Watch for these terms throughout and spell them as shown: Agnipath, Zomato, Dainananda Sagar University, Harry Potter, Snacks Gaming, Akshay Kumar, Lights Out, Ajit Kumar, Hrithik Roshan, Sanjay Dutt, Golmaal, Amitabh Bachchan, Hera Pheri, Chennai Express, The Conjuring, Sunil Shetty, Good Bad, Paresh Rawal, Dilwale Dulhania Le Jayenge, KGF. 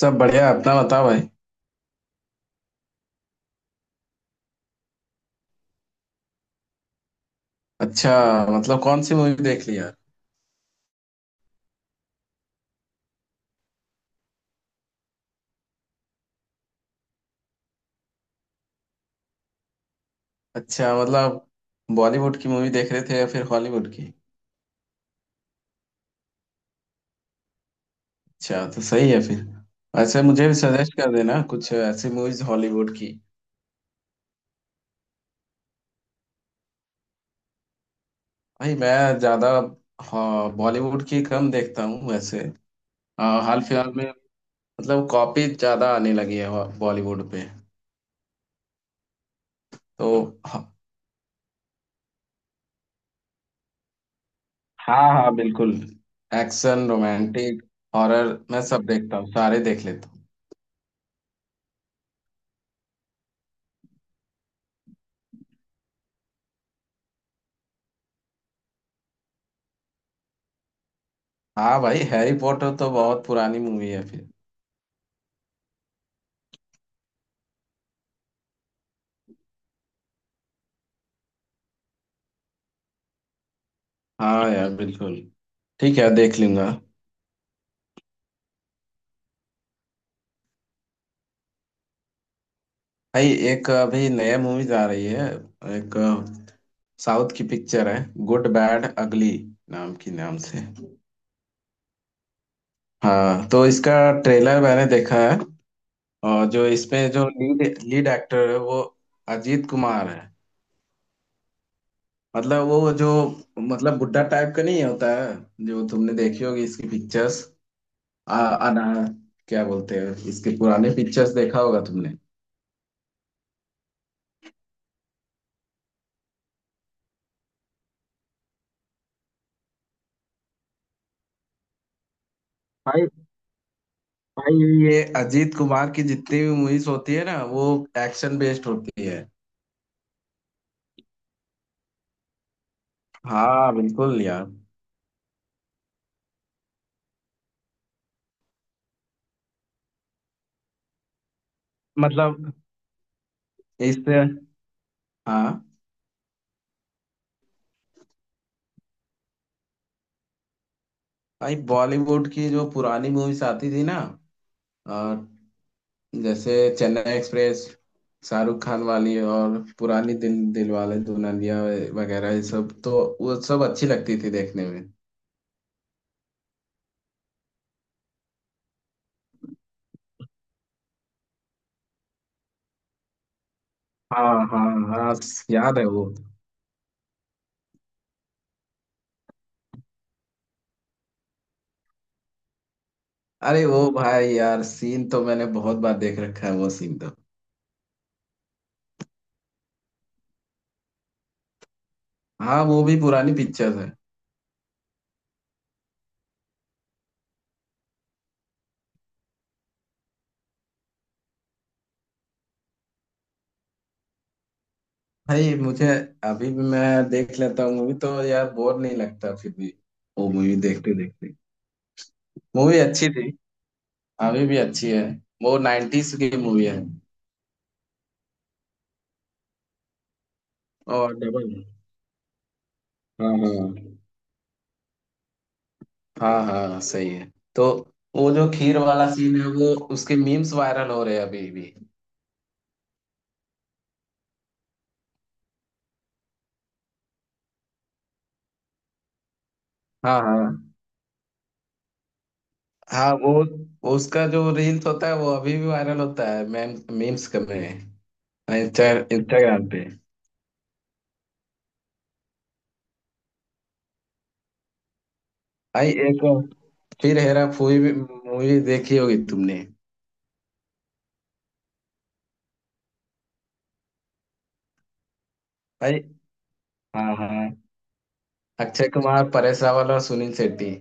सब बढ़िया, अपना बताओ भाई। अच्छा, मतलब कौन सी मूवी देख लिया? अच्छा, मतलब बॉलीवुड की मूवी देख रहे थे या फिर हॉलीवुड की? अच्छा, तो सही है फिर। वैसे मुझे भी सजेस्ट कर देना कुछ ऐसी मूवीज हॉलीवुड की। भाई मैं ज्यादा। हाँ, बॉलीवुड की कम देखता हूँ वैसे। हाल फिलहाल में मतलब कॉपी ज्यादा आने लगी है बॉलीवुड पे, तो ह- हाँ हाँ बिल्कुल। एक्शन, रोमांटिक, हॉरर, मैं सब देखता हूँ, सारे देख लेता हूँ। हाँ भाई, हैरी पॉटर तो बहुत पुरानी मूवी है फिर। हाँ यार बिल्कुल, ठीक है देख लूंगा। भाई एक अभी नया मूवीज आ रही है, एक साउथ की पिक्चर है, गुड बैड अगली नाम से। हाँ तो इसका ट्रेलर मैंने देखा है, और जो इसमें जो लीड लीड एक्टर है वो अजीत कुमार है। मतलब वो जो, मतलब बुड्ढा टाइप का नहीं होता है, जो तुमने देखी होगी इसकी पिक्चर्स। आ, अना, क्या बोलते हैं, इसके पुराने पिक्चर्स देखा होगा तुमने? भाई, भाई, ये अजीत कुमार की जितनी भी मूवीज होती है ना वो एक्शन बेस्ड होती है। हाँ बिल्कुल यार। मतलब इससे, हाँ। भाई, बॉलीवुड की जो पुरानी मूवीज आती थी ना, और जैसे चेन्नई एक्सप्रेस, शाहरुख खान वाली, और पुरानी दिल दिल वाले दुल्हनिया वगैरह, ये सब, तो वो सब अच्छी लगती थी देखने में। हाँ हाँ। हाँ, याद है वो। अरे वो भाई यार, सीन तो मैंने बहुत बार देख रखा है, वो सीन तो। हाँ, वो भी पुरानी पिक्चर है। भाई मुझे अभी भी मैं देख लेता हूँ मूवी तो, यार बोर नहीं लगता फिर भी, वो मूवी देखते देखते। मूवी अच्छी थी, अभी भी अच्छी है, वो नाइन्टीज की मूवी है। और डबल। हाँ हाँ। हाँ हाँ सही है तो, वो जो खीर वाला सीन है वो, उसके मीम्स वायरल हो रहे हैं अभी भी। हाँ हाँ। हाँ वो, उसका जो रील्स होता है वो अभी भी वायरल होता है, मैम, मीम्स में, इंस्टाग्राम पे। भाई एक, फिर हेरा फेरी भी मूवी देखी होगी तुमने? भाई, हाँ हाँ, अक्षय कुमार, परेश रावल और सुनील शेट्टी।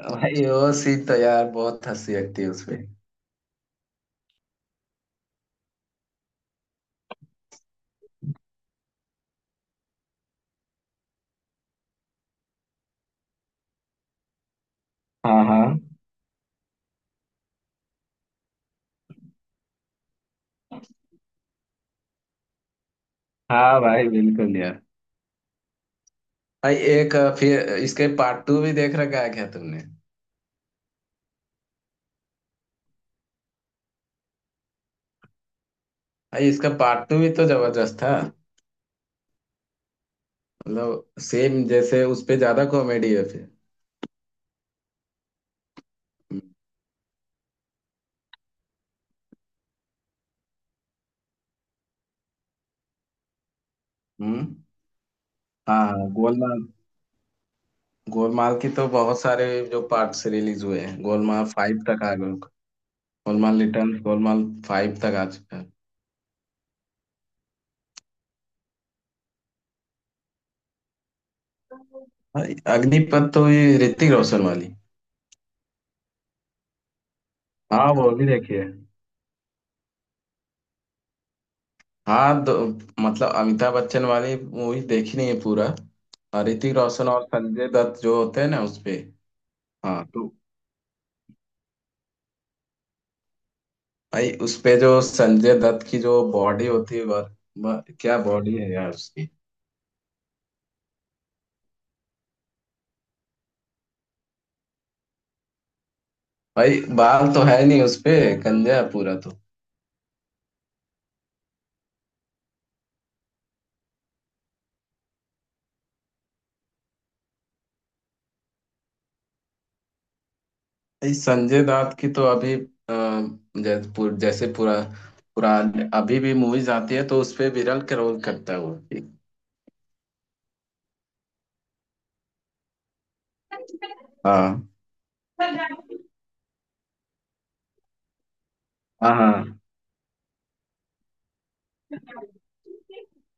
भाई वो सीन तो यार बहुत हंसी लगती है उसपे। हाँ हाँ। हाँ भाई बिल्कुल यार। भाई एक फिर इसके पार्ट टू भी देख रखा है क्या तुमने? भाई, इसका पार्ट टू भी तो जबरदस्त था। मतलब सेम जैसे, उसपे ज्यादा कॉमेडी है फिर। हम्म। हाँ, गोलमाल। गोलमाल की तो बहुत सारे जो पार्ट्स रिलीज हुए हैं, गोलमाल फाइव तक आ गए। गोलमाल रिटर्न, गोलमाल फाइव तक आ चुका है। भाई, अग्निपथ तो ये ऋतिक रोशन वाली। हाँ वो भी देखी है। हाँ, दो, मतलब अमिताभ बच्चन वाली मूवी देखी नहीं है पूरा। और ऋतिक रोशन और संजय दत्त जो होते हैं ना उसपे। हाँ तो, भाई उसपे जो संजय दत्त की जो बॉडी होती है क्या बॉडी है यार उसकी। भाई बाल तो है नहीं उसपे, गंजा है पूरा तो। इस संजय दत्त की तो अभी जैसे पूरा पूरा अभी भी मूवीज आती है तो उसपे विरल का रोल करता है वो। हाँ हाँ। हाँ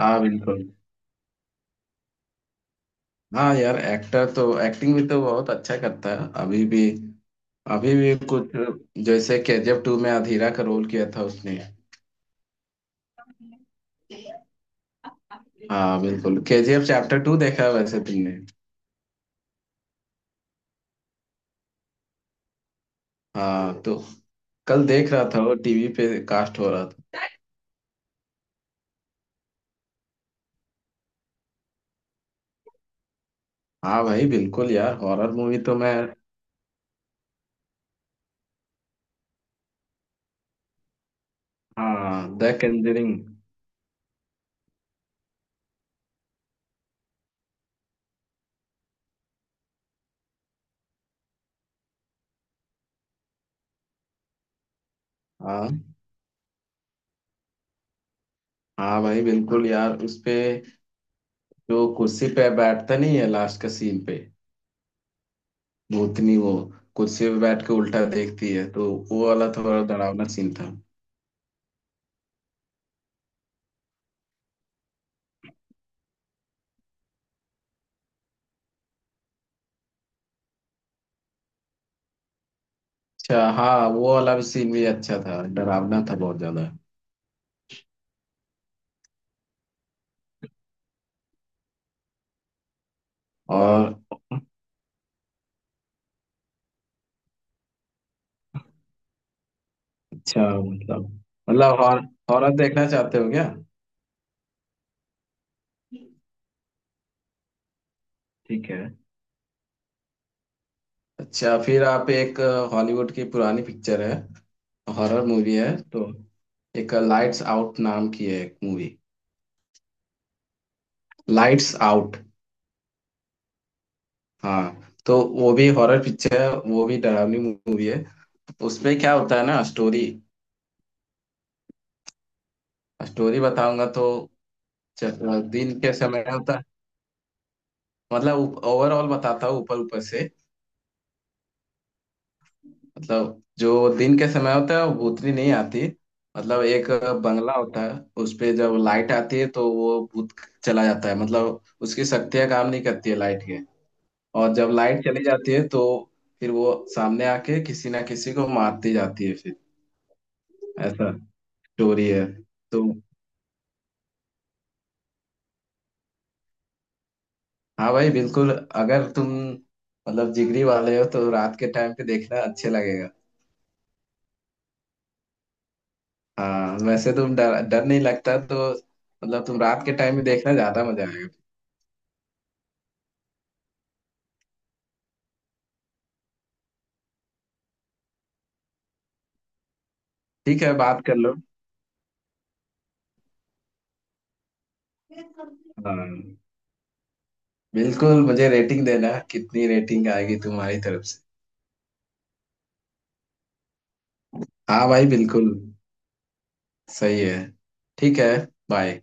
हाँ बिल्कुल। हाँ यार, एक्टर तो एक्टिंग भी तो बहुत अच्छा करता है अभी भी। अभी भी कुछ, जैसे केजीएफ टू में अधीरा का रोल किया था उसने। हाँ बिल्कुल, केजीएफ चैप्टर टू देखा है वैसे तुमने? हाँ तो कल देख रहा था वो, टीवी पे कास्ट हो रहा था। हाँ भाई बिल्कुल यार, हॉरर मूवी तो मैं। हाँ, द कंजरिंग। हाँ हाँ भाई बिल्कुल यार, उसपे जो कुर्सी पे बैठता नहीं है लास्ट का सीन पे, भूतनी वो कुर्सी पे बैठ के उल्टा देखती है तो, वो वाला थोड़ा डरावना सीन था। अच्छा, हाँ, वो वाला भी सीन भी अच्छा था, डरावना था बहुत ज्यादा। और अच्छा, मतलब, मतलब हॉरर देखना चाहते हो क्या? ठीक है, अच्छा फिर आप एक, हॉलीवुड की पुरानी पिक्चर है, हॉरर मूवी है तो, एक लाइट्स आउट नाम की है एक मूवी। लाइट्स आउट, हाँ तो वो भी हॉरर पिक्चर है, वो भी डरावनी मूवी है। उसमें क्या होता है ना, स्टोरी, स्टोरी बताऊंगा तो च- दिन के समय होता है, मतलब ओवरऑल बताता हूँ ऊपर ऊपर से। मतलब जो दिन के समय होता है वो भूतनी नहीं आती, मतलब एक बंगला होता है उस पे, जब लाइट आती है तो वो भूत चला जाता है, मतलब उसकी शक्तियाँ काम नहीं करती है लाइट के। और जब लाइट चली जाती है तो फिर वो सामने आके किसी ना किसी को मारती जाती है फिर, ऐसा स्टोरी है। तो हाँ भाई बिल्कुल, अगर तुम मतलब जिगरी वाले हो तो रात के टाइम पे देखना अच्छे लगेगा। हाँ वैसे तुम, डर डर नहीं लगता तो, मतलब तुम रात के टाइम में देखना ज्यादा मजा आएगा। ठीक है, बात कर लो। हाँ बिल्कुल, मुझे रेटिंग देना, कितनी रेटिंग आएगी तुम्हारी तरफ से? हाँ भाई बिल्कुल, सही है, ठीक है, बाय।